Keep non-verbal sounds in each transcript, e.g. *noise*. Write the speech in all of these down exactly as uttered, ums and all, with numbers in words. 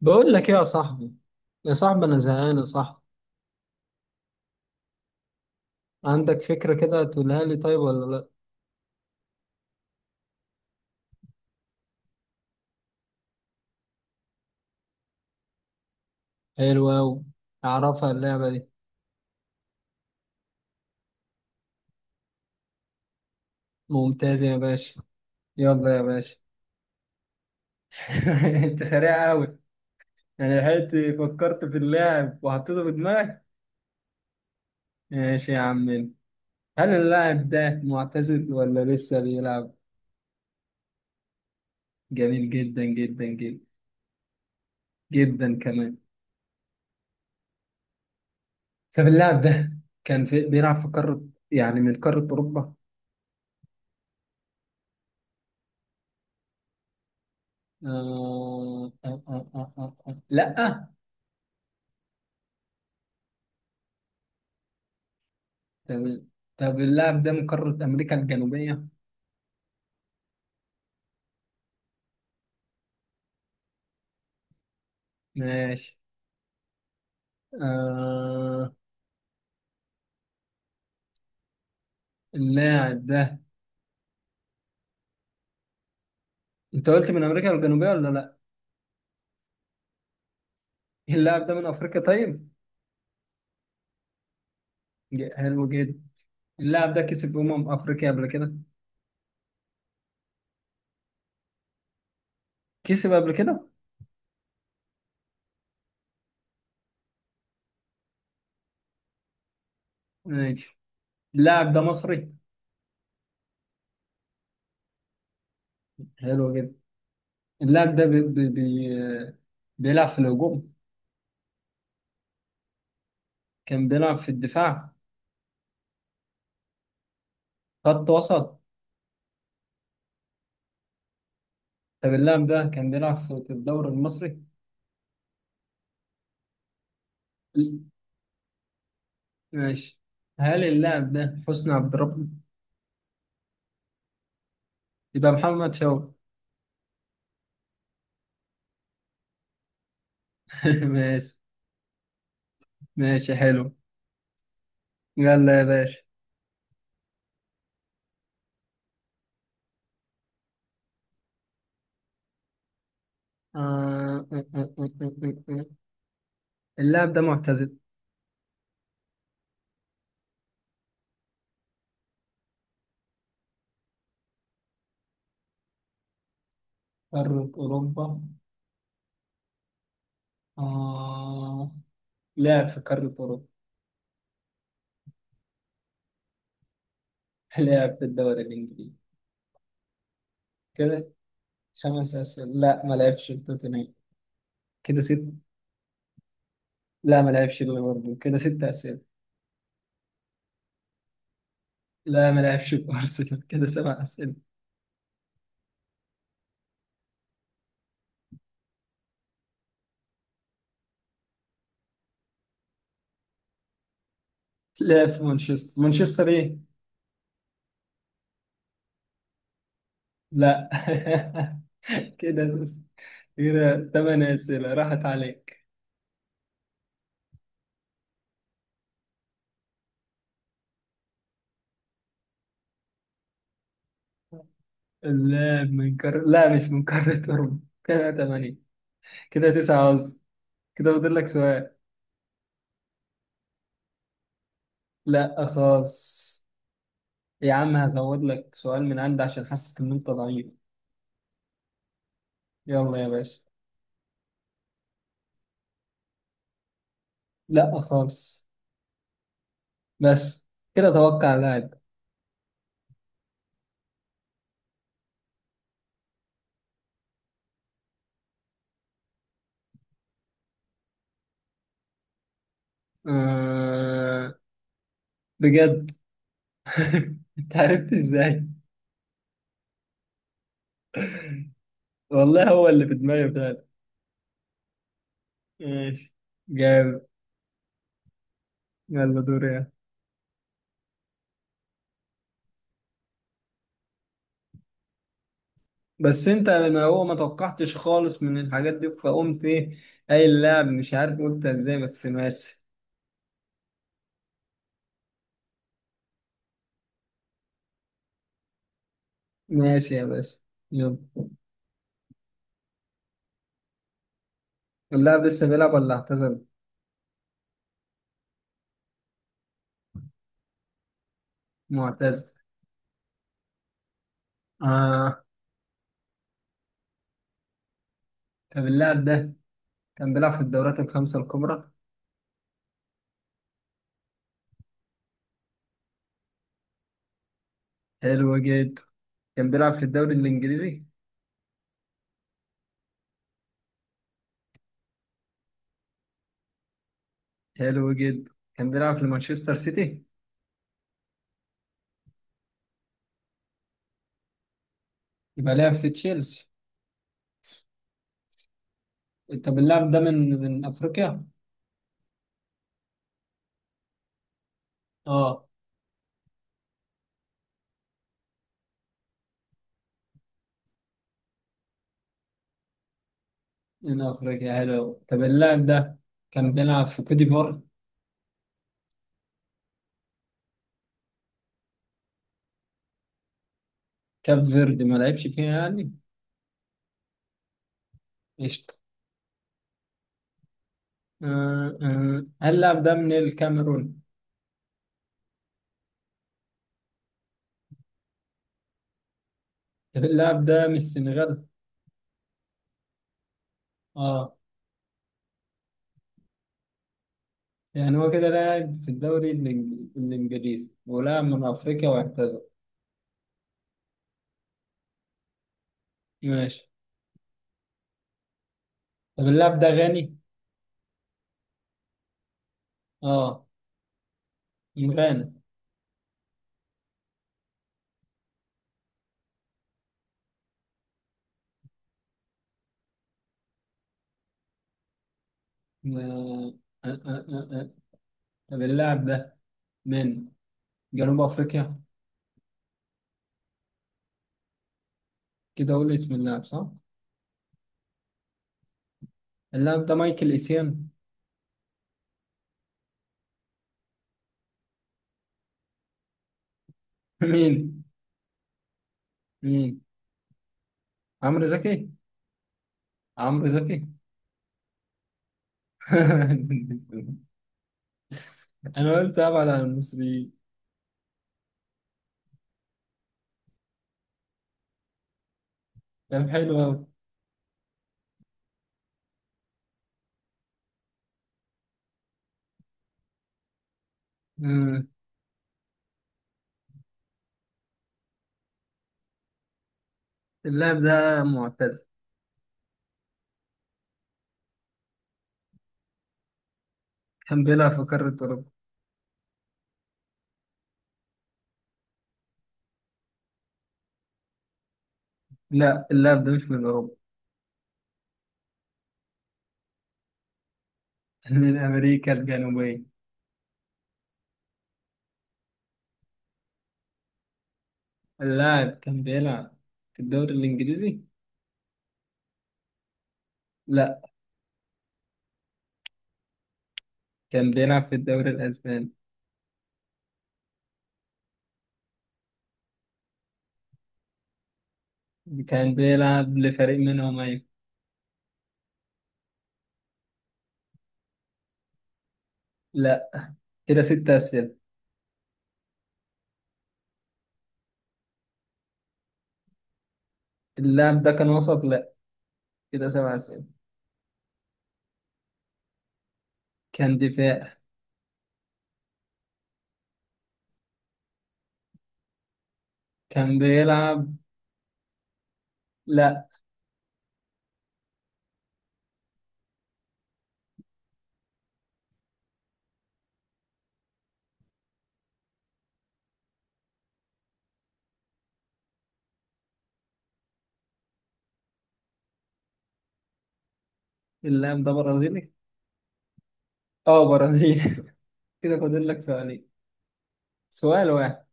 بقول لك ايه يا صاحبي، يا صاحبي انا زهقان يا صاحبي. عندك فكرة كده تقولها لي طيب ولا لا؟ حلوة أوي، اعرفها اللعبة دي. ممتازة يا باشا، يلا يا باشا. *laughs* انت سريع أوي، يعني لحقت فكرت في اللاعب وحطيته في دماغك؟ ماشي يا عم. هل اللاعب ده معتزل ولا لسه بيلعب؟ جميل جدا جدا جدا، جدا كمان. طب اللاعب ده كان في بيلعب في قارة، يعني من قارة أوروبا؟ آه آه آه آه آه. آه. لا. تمام. طب اللاعب ده من قارة أمريكا الجنوبية؟ ماشي. آه اللاعب ده، أنت قلت من أمريكا الجنوبية ولا لأ؟ اللاعب ده من أفريقيا طيب؟ ج- حلو جدا. اللاعب ده كسب أمم أفريقيا قبل كده؟ كسب قبل كده؟ ماشي. اللاعب ده مصري؟ حلو جدا. اللاعب ده بي بي بي بيلعب في الهجوم؟ كان بيلعب في الدفاع؟ خط وسط؟ طب اللاعب ده كان بيلعب في في الدوري المصري؟ ماشي. هل اللاعب ده حسني عبد ربه؟ يبقى محمد شوقي. *laughs* ماشي، ماشي حلو. يلا يا باشا. آه... آه، آه، آه، آه، آه. اللاعب ده معتزل. قارة أوروبا، آه... لعب في قارة أوروبا. *laughs* لعب في الدوري الإنجليزي. كده خمس أسئلة. لا، ما لعبش في توتنهام. كده ست. لا، ما لعبش في ليفربول، كده ست أسئلة. لا، ما لعبش في أرسنال. *laughs* كده سبع أسئلة. لعب في مانشستر، مانشستر إيه؟ لا. *laughs* كده كده ثمان أسئلة راحت عليك. لا من قارة لا، مش من قارة أوروبا. *laughs* كده تمانية، كده تسعة قصدي. كده فاضل لك سؤال. لا خالص. يا عم هزود لك سؤال من عندي عشان حاسس إن أنت ضعيف. يلا يا باشا. لا خالص. بس كده توقع لاعب. آه... بجد. *laughs* أنت عرفت إزاي؟ والله هو اللي في دماغي فعلا. ماشي، جامد. يلا دوري. بس انت ما هو ما توقعتش خالص من الحاجات دي فقمت ايه. اي اللاعب مش عارف قلت ازاي، بس ماشي. ماشي يا باشا، يلا. اللاعب لسه بيلعب ولا اعتزل؟ معتزل. اه. طب اللاعب ده كان بيلعب في الدورات الخمسة الكبرى؟ حلو جدا. كان بيلعب في الدوري الانجليزي؟ حلو جدا، كان بيلعب في مانشستر سيتي؟ يبقى لعب في تشيلسي. طب اللاعب ده من من افريقيا؟ اه. من افريقيا، حلو. طب اللاعب ده كان بيلعب في كوت ديفوار؟ كاب فيردي ما لعبش فيها يعني؟ قشطة. آه آه. هل اللاعب ده من الكاميرون؟ طب اللاعب ده من السنغال؟ اه. يعني هو كده لاعب في الدوري الإنج- الإنجليزي ولاعب من أفريقيا واعتزل. ماشي. طب اللاعب ده غني؟ اه، من غانا. آه آه آه آه. آه. طب اللاعب ده من جنوب أفريقيا؟ كده أقول اسم اللاعب صح؟ اللاعب ده مايكل إيسيان. *laughs* مين؟ مين؟ عمرو زكي؟ عمرو زكي *laughs* انا قلت ابعد عن المصريين. كان حلو قوي. مم. اللاعب ده معتزل. كان بيلعب في قارة أوروبا. لا، اللاعب ده مش من أوروبا. *laughs* من امريكا الجنوبيه. اللاعب كان بيلعب في الدوري الإنجليزي، لا. كان بيلعب في الدوري الأسباني. كان بيلعب لفريق منهم أيوة. لا، كده ستة أسئلة. اللاعب ده كان وسط، لا، كده سبعة أسئلة. كان دفاع. كان بيلعب، لا. اللاعب ده برازيلي. اه برازيلي. *laughs* كده فاضل لك سؤالين. سؤال واحد.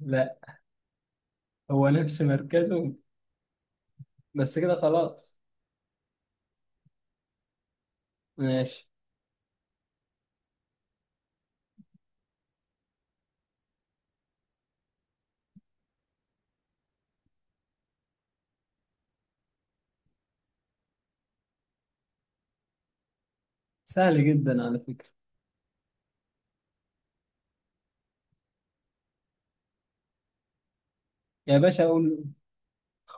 لا، هو نفس مركزه. بس كده خلاص. ماشي. سهل جدا على فكرة. يا باشا أقول.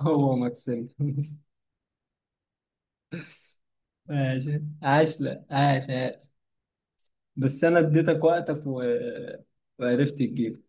هو مارسيلو. *laughs* ماشي، عاش، لا عاش عاش. بس أنا اديتك وقتك و... وعرفت تجيب.